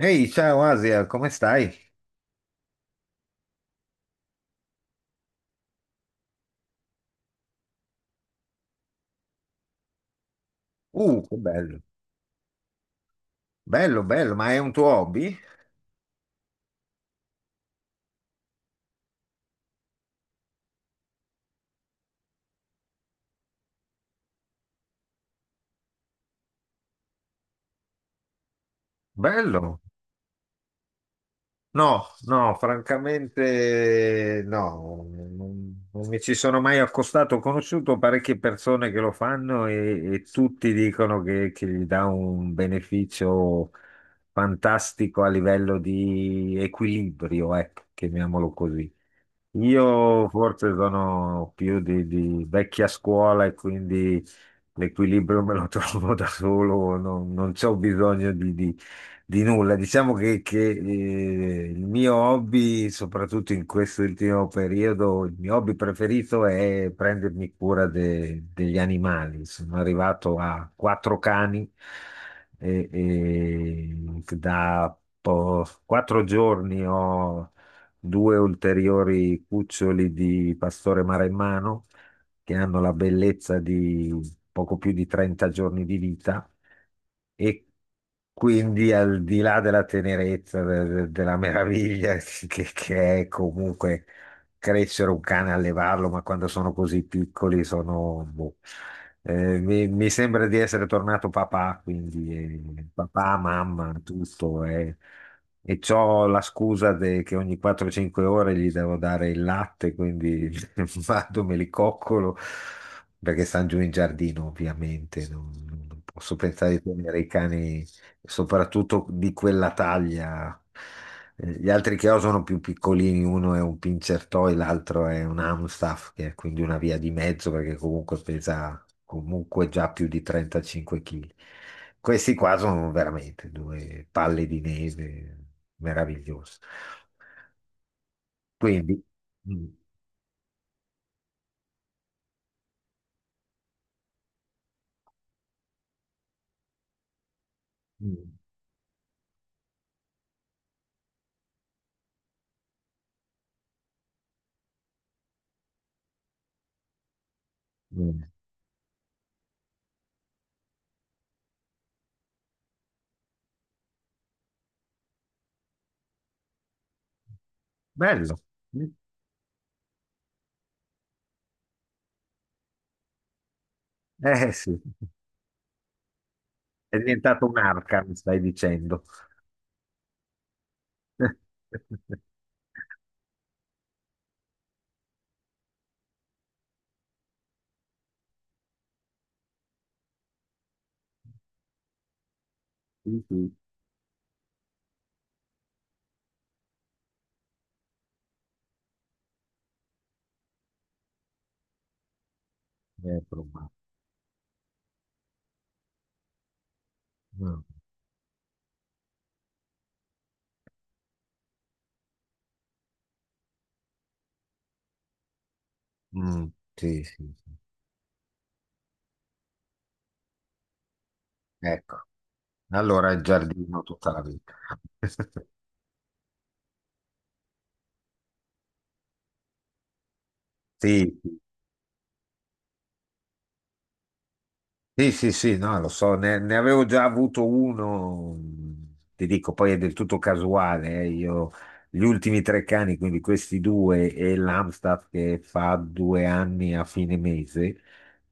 Ehi, ciao Asia, come stai? Che bello, bello, bello, ma è un tuo hobby? Bello. No, no, francamente no, non mi ci sono mai accostato. Ho conosciuto parecchie persone che lo fanno e tutti dicono che gli dà un beneficio fantastico a livello di equilibrio, ecco, chiamiamolo così. Io forse sono più di vecchia scuola e quindi l'equilibrio me lo trovo da solo, non c'ho bisogno di nulla. Diciamo che il mio hobby, soprattutto in questo ultimo periodo, il mio hobby preferito è prendermi cura degli animali. Sono arrivato a quattro cani e da 4 giorni ho due ulteriori cuccioli di pastore maremmano che hanno la bellezza di poco più di 30 giorni di vita, e quindi al di là della tenerezza, della meraviglia che è comunque crescere un cane, allevarlo, ma quando sono così piccoli sono, boh. Mi sembra di essere tornato papà, quindi papà, mamma, tutto. E c'ho la scusa che ogni 4-5 ore gli devo dare il latte, quindi vado, me li coccolo, perché stanno giù in giardino, ovviamente. Non posso pensare di tenere i cani soprattutto di quella taglia. Gli altri che ho sono più piccolini: uno è un pincher toy, l'altro è un Amstaff, che è quindi una via di mezzo perché comunque pesa comunque già più di 35 kg. Questi qua sono veramente due palle di neve meravigliose. Quindi, mm, mm, mm. bello. Eh eh, sì, è diventato un'arca, mi stai dicendo. Sì, sì, è probabile. Mm, sì, sì, sì. Ecco, allora il giardino tutta la vita. Sì, sì, sì, sì, sì, no, lo so, ne avevo già avuto uno, ti dico, poi è del tutto casuale, io gli ultimi tre cani, quindi questi due e l'Amstaff che fa 2 anni a fine mese,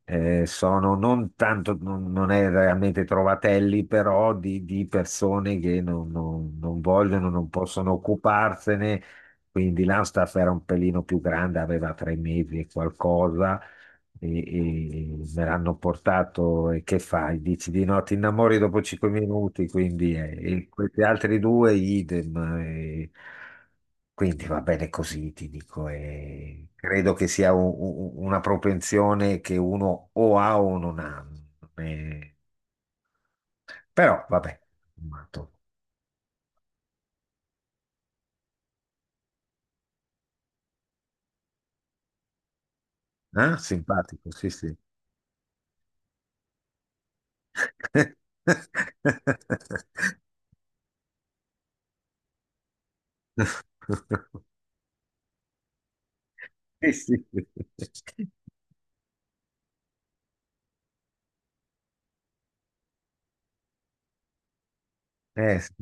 sono non tanto, non- non è realmente trovatelli, però di persone che non vogliono, non possono occuparsene, quindi l'Amstaff era un pelino più grande, aveva 3 mesi e qualcosa e me l'hanno portato, e che fai? Dici di no, ti innamori dopo 5 minuti, quindi e questi altri due idem. Quindi va bene così, ti dico. Credo che sia una propensione che uno o ha o non ha. eh, però vabbè, tutto sommato, simpatico, sì, sì. Sì, sì. Sì.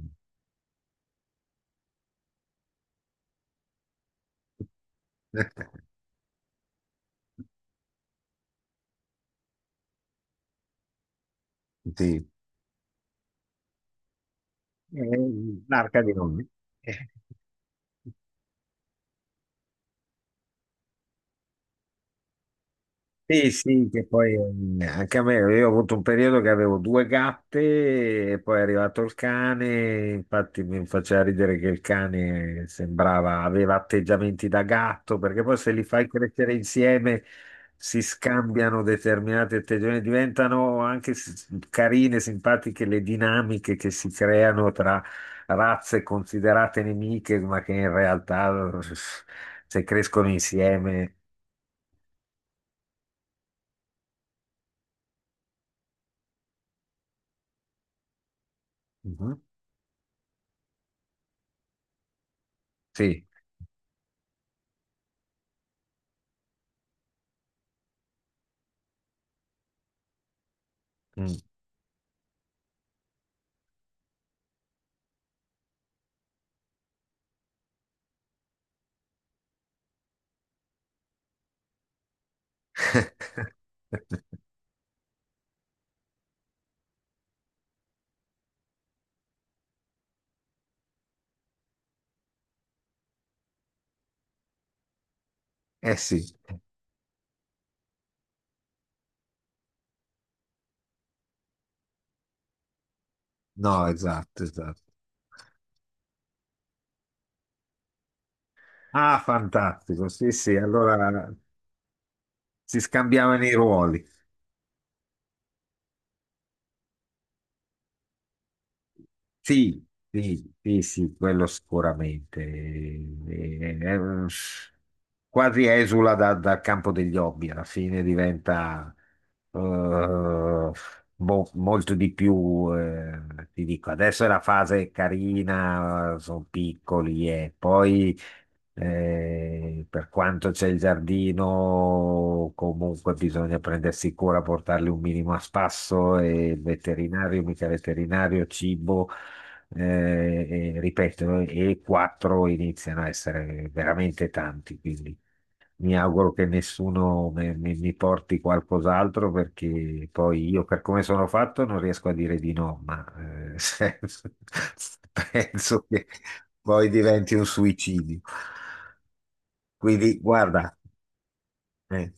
Sì. È un'arca di nomi. Sì, sì, che poi anche a me, io ho avuto un periodo che avevo due gatte e poi è arrivato il cane, infatti mi faceva ridere che il cane sembrava, aveva atteggiamenti da gatto, perché poi se li fai crescere insieme si scambiano determinati atteggiamenti, diventano anche carine, simpatiche le dinamiche che si creano tra razze considerate nemiche, ma che in realtà se crescono insieme. Mhm, sì. Eh sì, no, esatto, esatto. Ah, fantastico, sì, sì, allora si scambiavano i ruoli. Sì, sì, sì, sì, quello sicuramente. Quasi esula dal campo degli hobby, alla fine diventa eh, boh, molto di più. Ti dico, adesso è la fase carina, sono piccoli e poi. Per quanto c'è il giardino, comunque bisogna prendersi cura, portarli un minimo a spasso e il veterinario, mica veterinario, cibo, e, ripeto, e quattro iniziano a essere veramente tanti, quindi mi auguro che nessuno mi porti qualcos'altro perché poi io per come sono fatto non riesco a dire di no, ma eh, penso che poi diventi un suicidio. Quindi, guarda, eh,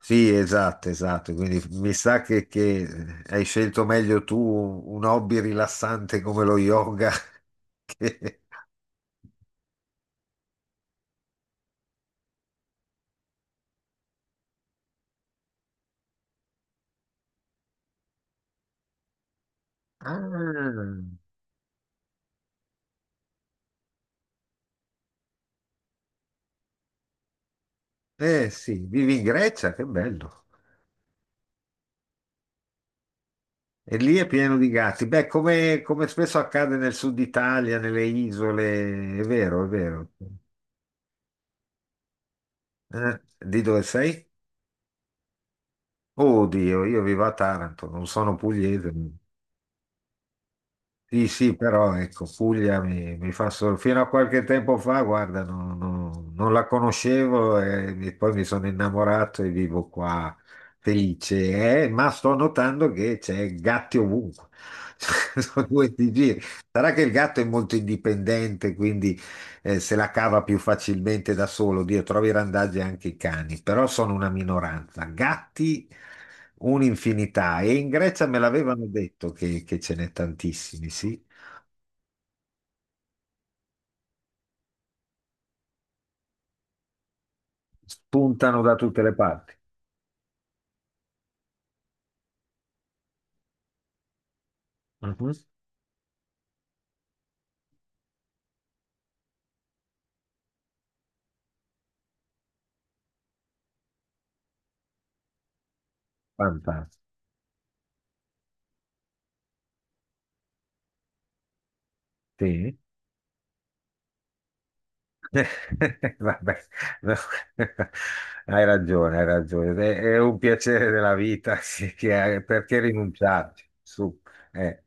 sì, esatto, esatto. Quindi mi sa che hai scelto meglio tu un hobby rilassante come lo yoga. che- Ah, eh sì, vivi in Grecia, che bello. E lì è pieno di gatti. Beh, come spesso accade nel sud Italia, nelle isole, è vero, è vero. Di dove sei? Oddio, io vivo a Taranto, non sono pugliese. Sì, sì, però ecco, Puglia mi fa solo. Fino a qualche tempo fa, guarda, non la conoscevo, e poi mi sono innamorato e vivo qua felice, ma sto notando che c'è gatti ovunque. Sono due di giri. Sarà che il gatto è molto indipendente, quindi se la cava più facilmente da solo. Dio, trovi randaggi anche i cani, però sono una minoranza. Gatti un'infinità, e in Grecia me l'avevano detto che ce n'è tantissimi, sì. Spuntano da tutte le parti. Mhm. Fantastico. Sì. Vabbè, no. Hai ragione, hai ragione. È un piacere della vita, sì, perché rinunciarci? Su. eh.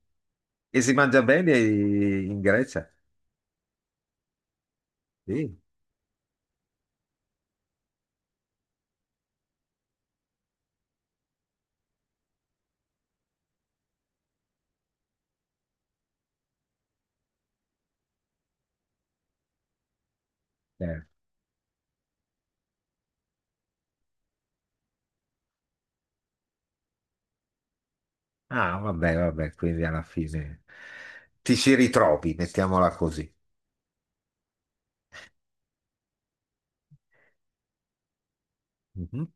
E si mangia bene in Grecia? Sì. eh. Ah, vabbè, vabbè, quindi alla fine ti ci ritrovi, mettiamola così. Mhm.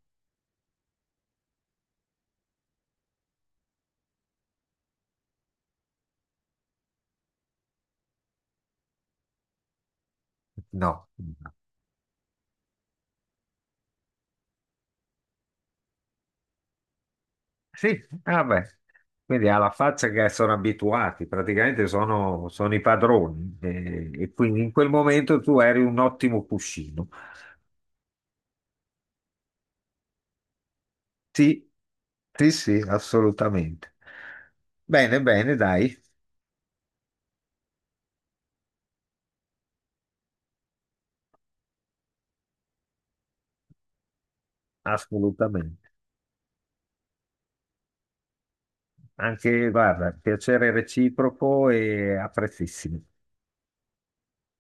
No. Sì, vabbè. Quindi alla faccia che sono abituati, praticamente sono i padroni. E, quindi in quel momento tu eri un ottimo cuscino. Sì, sì, sì, assolutamente. Bene, bene, dai, assolutamente. Anche, guarda, piacere reciproco e apprezzissimo.